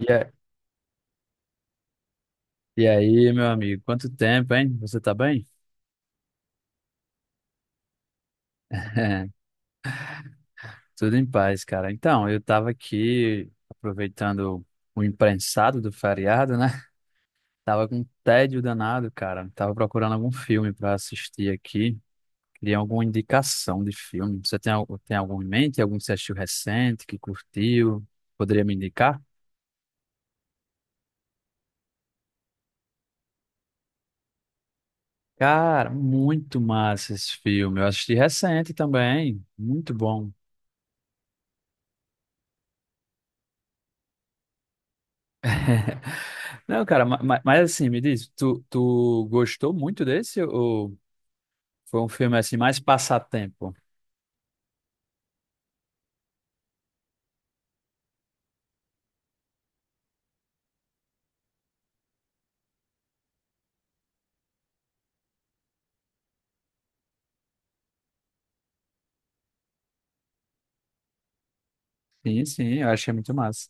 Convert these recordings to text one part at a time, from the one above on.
E, a- e aí, meu amigo, quanto tempo, hein? Você tá bem? Tudo em paz, cara. Então, eu tava aqui aproveitando o imprensado do feriado, né? Tava com um tédio danado, cara. Tava procurando algum filme pra assistir aqui. Queria alguma indicação de filme. Você tem, tem algum em mente? Algum que você assistiu recente, que curtiu? Poderia me indicar? Cara, muito massa esse filme. Eu assisti recente também. Muito bom. Não, cara, mas, assim, me diz, tu gostou muito desse ou foi um filme assim mais passatempo? Sim, sim, eu achei muito massa.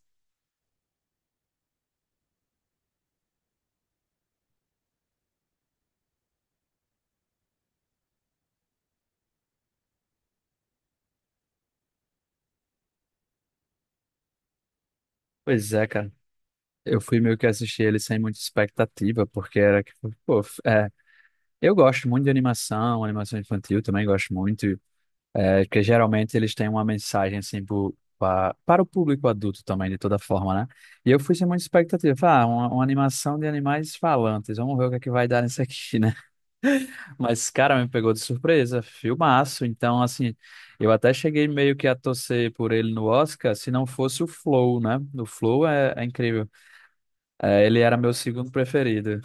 Pois é, cara. Eu fui meio que assistir ele sem muita expectativa, porque era que, pô, f- é, eu gosto muito de animação, animação infantil também gosto muito, é, porque geralmente eles têm uma mensagem assim para o público adulto também, de toda forma, né? E eu fui sem muita expectativa. Falei, Ah, uma animação de animais falantes, vamos ver o que é que vai dar nisso aqui, né? Mas, cara, me pegou de surpresa. Filmaço. Então, assim, eu até cheguei meio que a torcer por ele no Oscar, se não fosse o Flow, né? O Flow é incrível. É, ele era meu segundo preferido.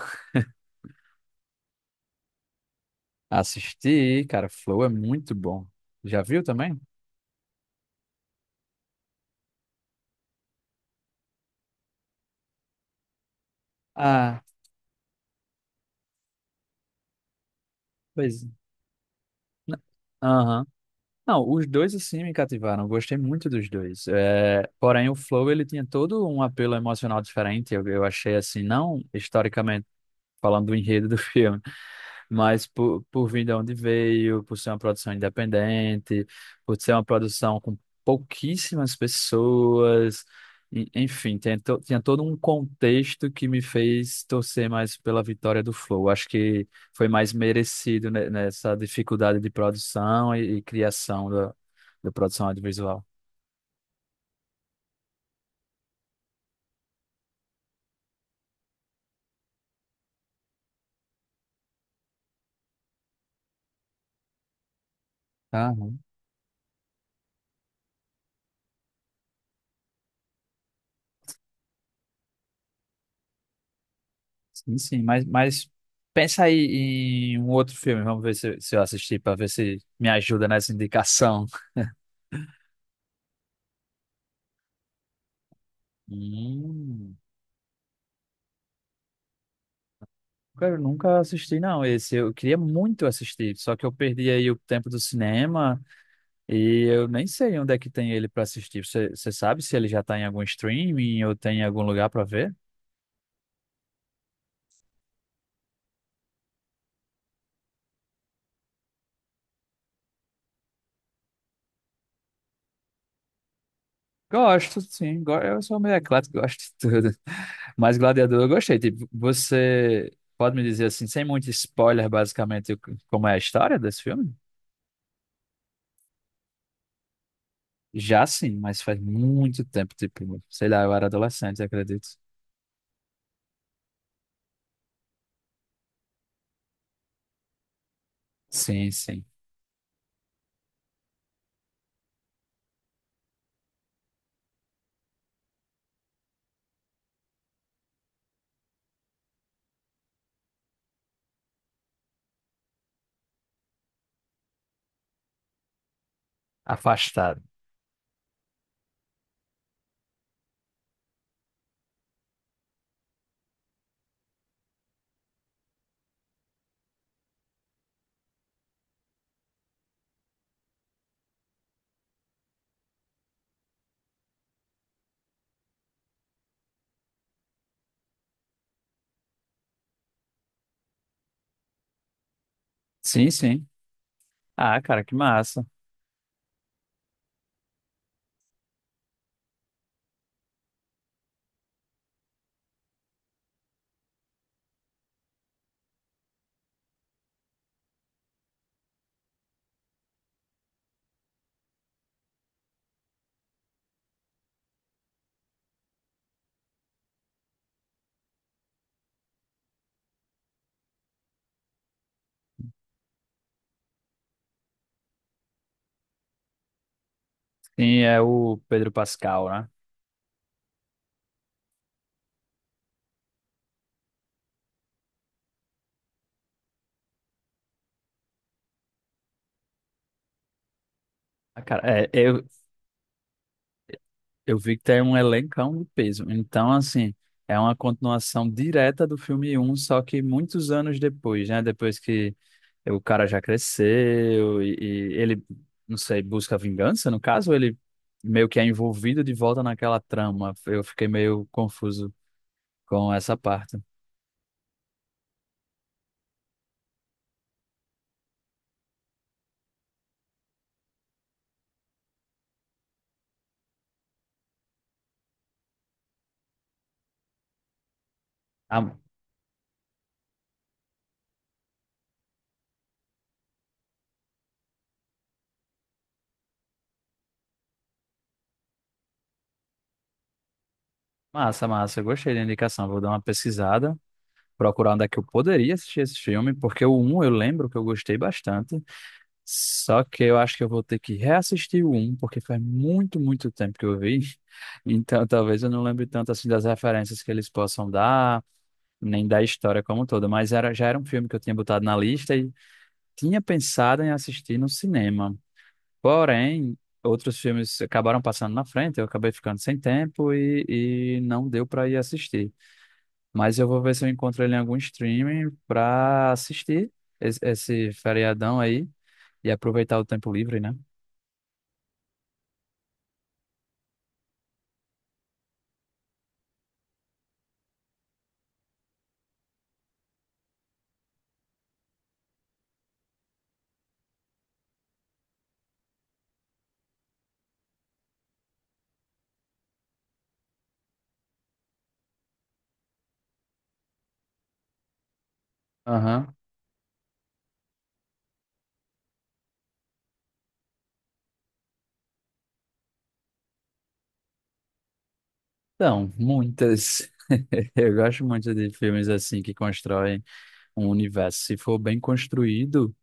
Assisti, cara, Flow é muito bom. Já viu também? Ah, pois. n- Aham. Não, os dois, assim, me cativaram. Gostei muito dos dois. É, porém, o Flow, ele tinha todo um apelo emocional diferente. Eu achei, assim, não historicamente falando do enredo do filme. Mas por vir de onde veio, por ser uma produção independente, por ser uma produção com pouquíssimas pessoas, enfim, tinha todo um contexto que me fez torcer mais pela vitória do Flow. Acho que foi mais merecido nessa dificuldade de produção e criação da produção audiovisual. Ah, sim, sim, mas pensa aí em um outro filme, vamos ver se eu assisti para ver se me ajuda nessa indicação. Hum. Cara, eu nunca assisti, não, esse. Eu queria muito assistir, só que eu perdi aí o tempo do cinema e eu nem sei onde é que tem ele pra assistir. Você sabe se ele já tá em algum streaming ou tem em algum lugar pra ver? Gosto, sim. Eu sou meio eclético, gosto de tudo. Mas Gladiador eu gostei. Tipo, você pode me dizer assim, sem muito spoiler, basicamente, o que- como é a história desse filme? Já sim, mas faz muito tempo, tipo, sei lá, eu era adolescente, acredito. Sim, sim. Afastado. Sim, sim. Ah, cara, que massa. Sim, é o Pedro Pascal, né? Ah, cara, é, eu vi que tem um elencão de peso. Então, assim, é uma continuação direta do filme um, só que muitos anos depois, né? Depois que o cara já cresceu e ele, não sei, busca vingança, no caso, ele meio que é envolvido de volta naquela trama. Eu fiquei meio confuso com essa parte. Ah, massa, massa. Eu gostei da indicação. Vou dar uma pesquisada. Procurar onde é que eu poderia assistir esse filme, porque o um eu lembro que eu gostei bastante, só que eu acho que eu vou ter que reassistir o um porque faz muito, muito tempo que eu vi, então talvez eu não lembre tanto assim das referências que eles possam dar, nem da história como toda, mas era, já era um filme que eu tinha botado na lista e tinha pensado em assistir no cinema. Porém, outros filmes acabaram passando na frente, eu acabei ficando sem tempo e não deu para ir assistir. Mas eu vou ver se eu encontro ele em algum streaming pra assistir esse feriadão aí e aproveitar o tempo livre, né? Aham. Então, muitas. Eu gosto muito de filmes assim que constroem um universo. Se for bem construído,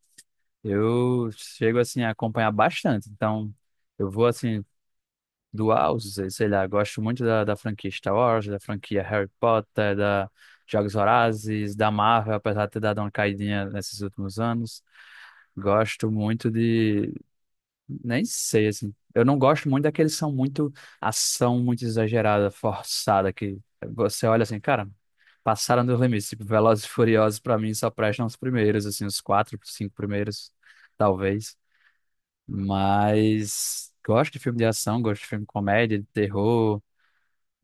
eu chego assim a acompanhar bastante. Então, eu vou assim doar, sei lá, gosto muito da, franquia Star Wars, da franquia Harry Potter, da Jogos Vorazes, da Marvel, apesar de ter dado uma caidinha nesses últimos anos. Gosto muito de. Nem sei, assim. Eu não gosto muito daqueles que são muito ação, muito exagerada, forçada, que você olha assim, cara, passaram dos limites. Tipo, Velozes e Furiosos, pra mim, só prestam os primeiros, assim, os quatro, cinco primeiros, talvez. Mas gosto de filme de ação, gosto de filme de comédia, de terror.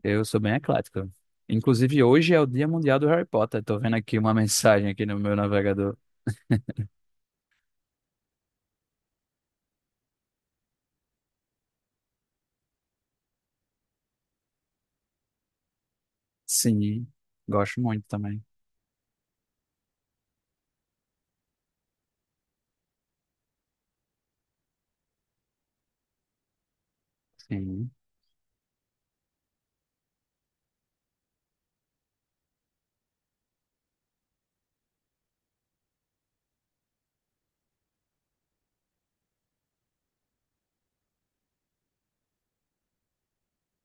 Eu sou bem eclético. Inclusive, hoje é o Dia Mundial do Harry Potter. Tô vendo aqui uma mensagem aqui no meu navegador. Sim, gosto muito também. Sim.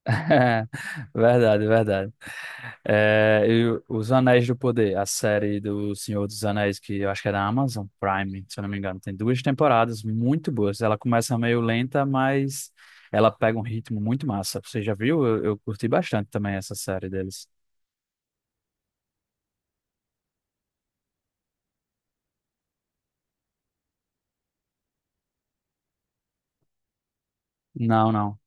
Verdade, verdade. É, e o- Os Anéis do Poder, a série do Senhor dos Anéis, que eu acho que é da Amazon Prime, se eu não me engano, tem duas temporadas muito boas. Ela começa meio lenta, mas ela pega um ritmo muito massa. Você já viu? Eu curti bastante também essa série deles. Não, não.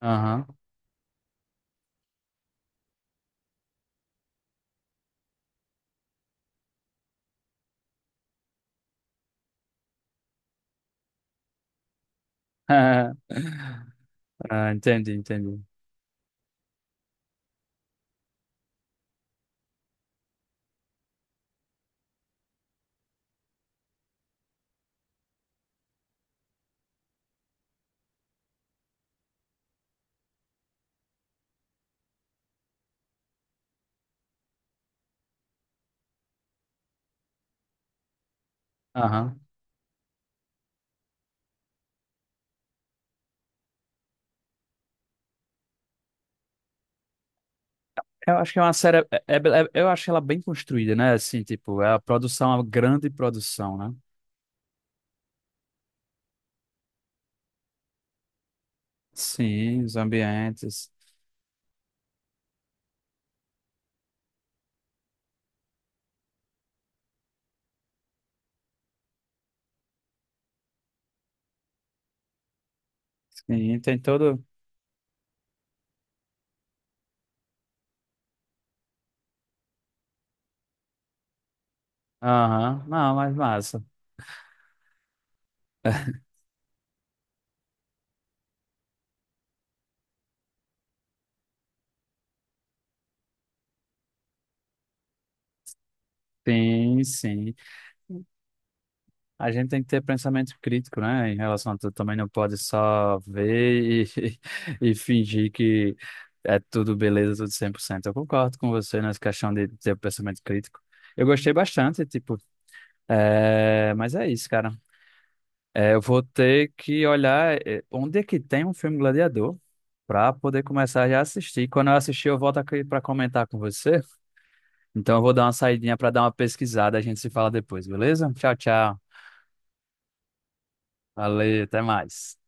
Aham. Ah, entendi, entendi. Aham. Eu acho que é uma série. Eu acho ela bem construída, né? Assim, tipo, é a produção, a grande produção, né? Sim, os ambientes. Sim, tem todo. Aham, não, mas massa. Sim, sim. A gente tem que ter pensamento crítico, né? Em relação a tudo. Também não pode só ver e, e fingir que é tudo beleza, tudo 100%. Eu concordo com você nessa questão de ter pensamento crítico. Eu gostei bastante, tipo, é... mas é isso, cara. É, eu vou ter que olhar é, onde é que tem um filme Gladiador para poder começar já a assistir. Quando eu assistir, eu volto aqui para comentar com você. Então eu vou dar uma saidinha para dar uma pesquisada. A gente se fala depois, beleza? Tchau, tchau. Valeu, até mais.